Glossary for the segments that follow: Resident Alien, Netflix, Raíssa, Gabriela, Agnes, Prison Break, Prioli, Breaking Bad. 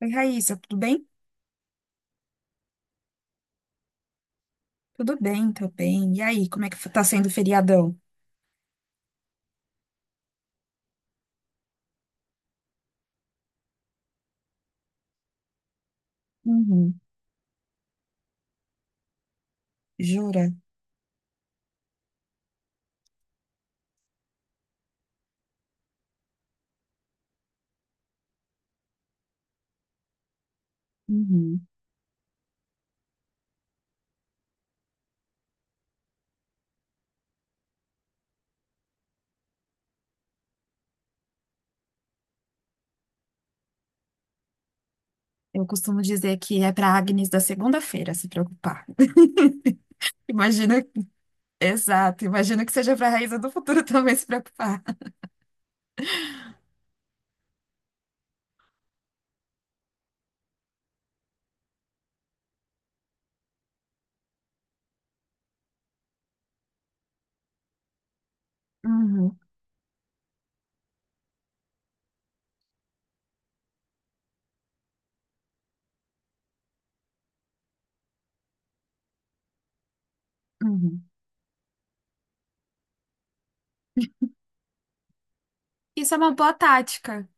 Oi, Raíssa, tudo bem? Tudo bem, tô bem. E aí, como é que tá sendo o feriadão? Uhum. Jura? Uhum. Eu costumo dizer que é pra Agnes da segunda-feira se preocupar. Imagina, exato, imagina que seja pra Raíssa do futuro também se preocupar. Uhum, uhum. Isso é uma boa tática,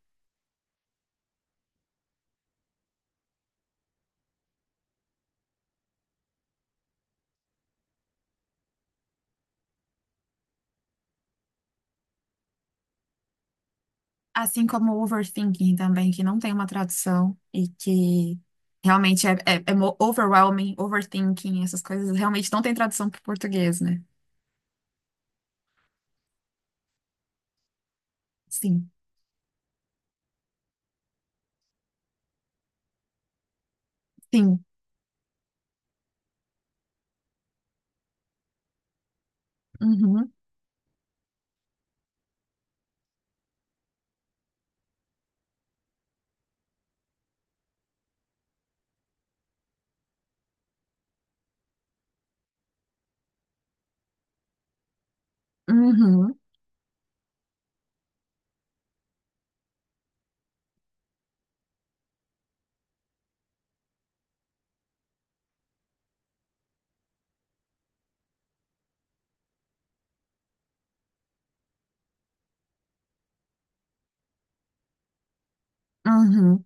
assim como o overthinking também, que não tem uma tradução e que realmente é overwhelming, overthinking, essas coisas realmente não tem tradução para o português, né? Sim, sim. Uhum. Uhum, uhum,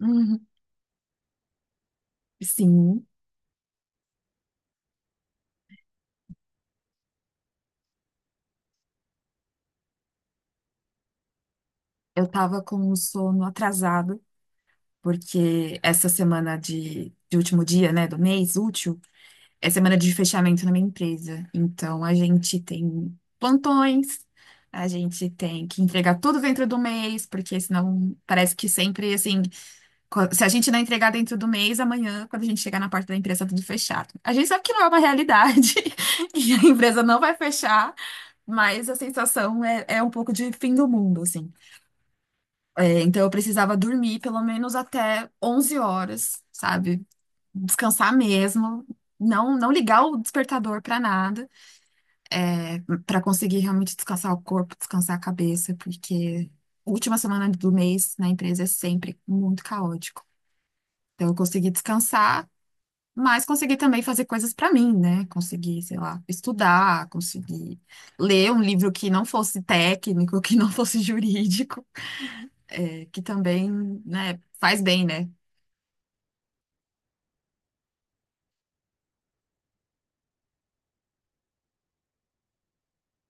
uhum. Sim, eu tava com o sono atrasado, porque essa semana de último dia, né, do mês útil, é semana de fechamento na minha empresa. Então, a gente tem plantões, a gente tem que entregar tudo dentro do mês, porque senão parece que sempre, assim, se a gente não entregar dentro do mês, amanhã, quando a gente chegar na parte da empresa, tá tudo fechado. A gente sabe que não é uma realidade, e a empresa não vai fechar. Mas a sensação é, é um pouco de fim do mundo, assim. É, então eu precisava dormir pelo menos até 11 horas, sabe? Descansar mesmo, não ligar o despertador pra nada, pra conseguir realmente descansar o corpo, descansar a cabeça, porque última semana do mês na empresa é sempre muito caótico. Então eu consegui descansar, mas consegui também fazer coisas pra mim, né? Consegui, sei lá, estudar, consegui ler um livro que não fosse técnico, que não fosse jurídico. É, que também, né, faz bem, né?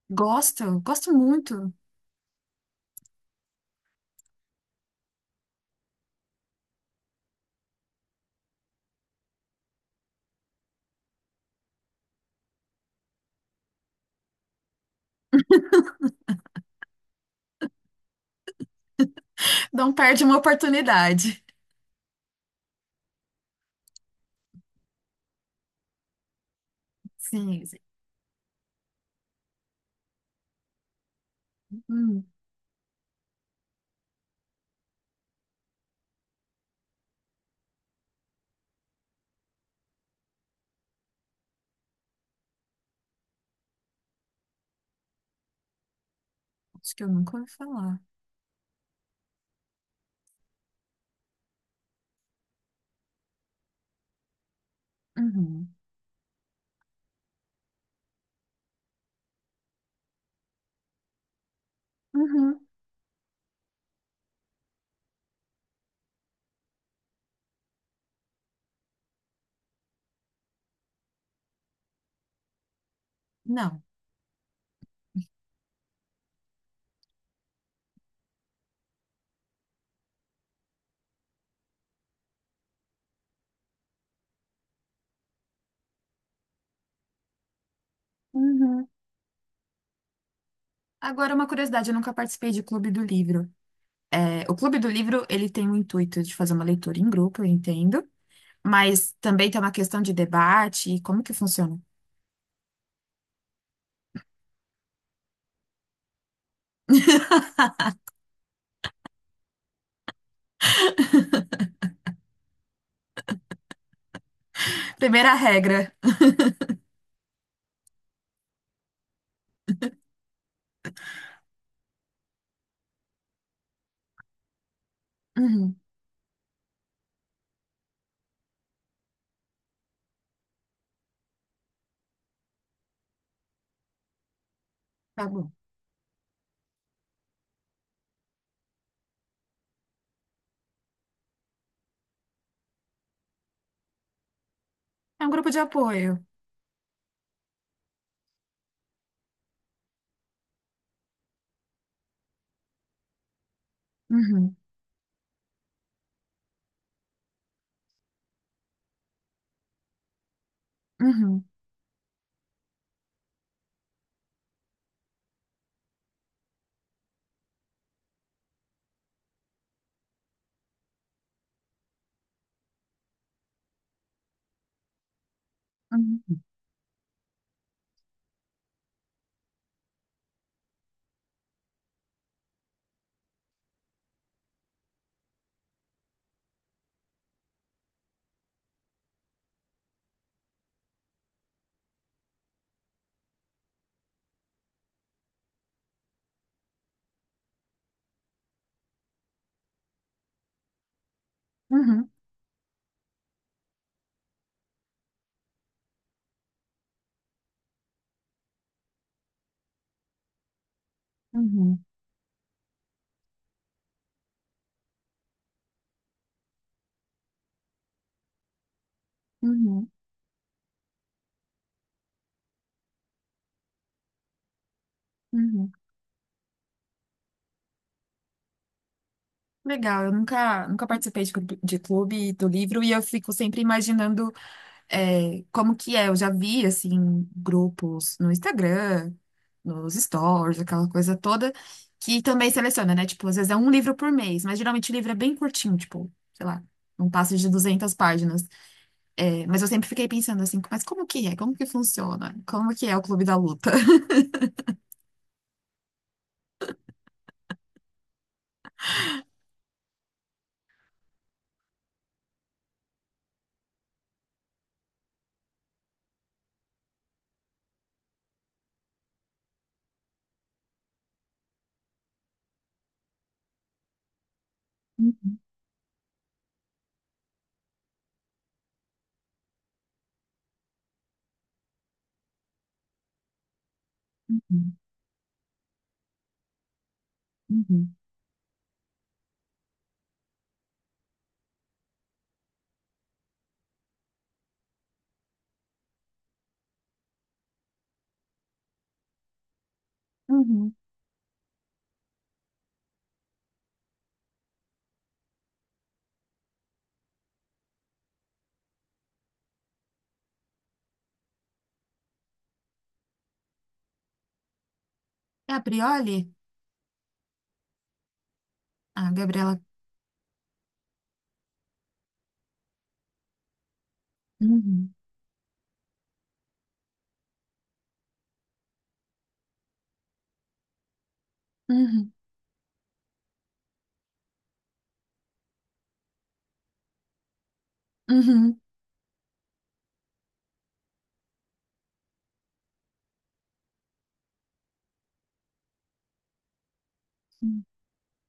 Gosto, gosto muito. Não perde uma oportunidade. Sim, sim. Hum, acho que eu nunca ouvi falar. Uhum. Uhum. Não. Uhum. Agora, uma curiosidade, eu nunca participei de Clube do Livro. É, o Clube do Livro, ele tem o intuito de fazer uma leitura em grupo, eu entendo, mas também tem uma questão de debate e como que funciona. Primeira regra. Uhum. Tá bom. É um grupo de apoio. Uhum. Uhum. Uhum. Uhum. Uhum. Uhum, uhum. Legal, eu nunca participei de clube do livro e eu fico sempre imaginando é, como que é. Eu já vi, assim, grupos no Instagram, nos stories, aquela coisa toda, que também seleciona, né? Tipo, às vezes é um livro por mês, mas geralmente o livro é bem curtinho, tipo, sei lá, não passa de 200 páginas. É, mas eu sempre fiquei pensando assim, mas como que é? Como que funciona? Como que é o Clube da Luta? Uhum, uhum, uhum. É a Prioli? Ah, a Gabriela. Uhum. Uhum, uhum.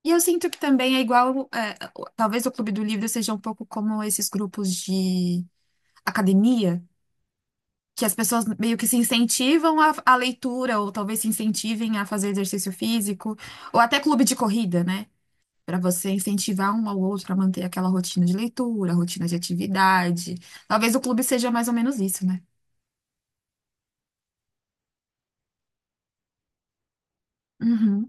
E eu sinto que também é igual, é, o- talvez o Clube do Livro seja um pouco como esses grupos de academia, que as pessoas meio que se incentivam à leitura, ou talvez se incentivem a fazer exercício físico, ou até clube de corrida, né? Para você incentivar um ao outro a manter aquela rotina de leitura, rotina de atividade. Talvez o clube seja mais ou menos isso, né? Uhum,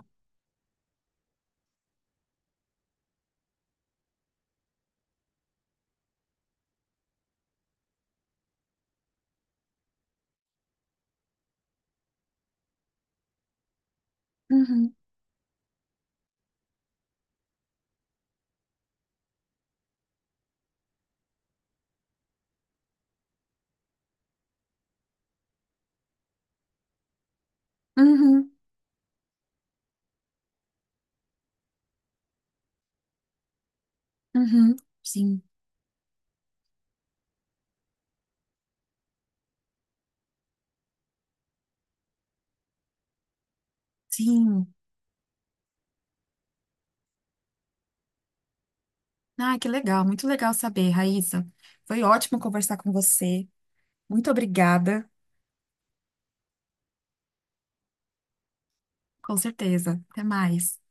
uhum, uhum, uhum. Sim, sim. Ah, que legal, muito legal saber, Raíssa. Foi ótimo conversar com você. Muito obrigada. Com certeza. Até mais.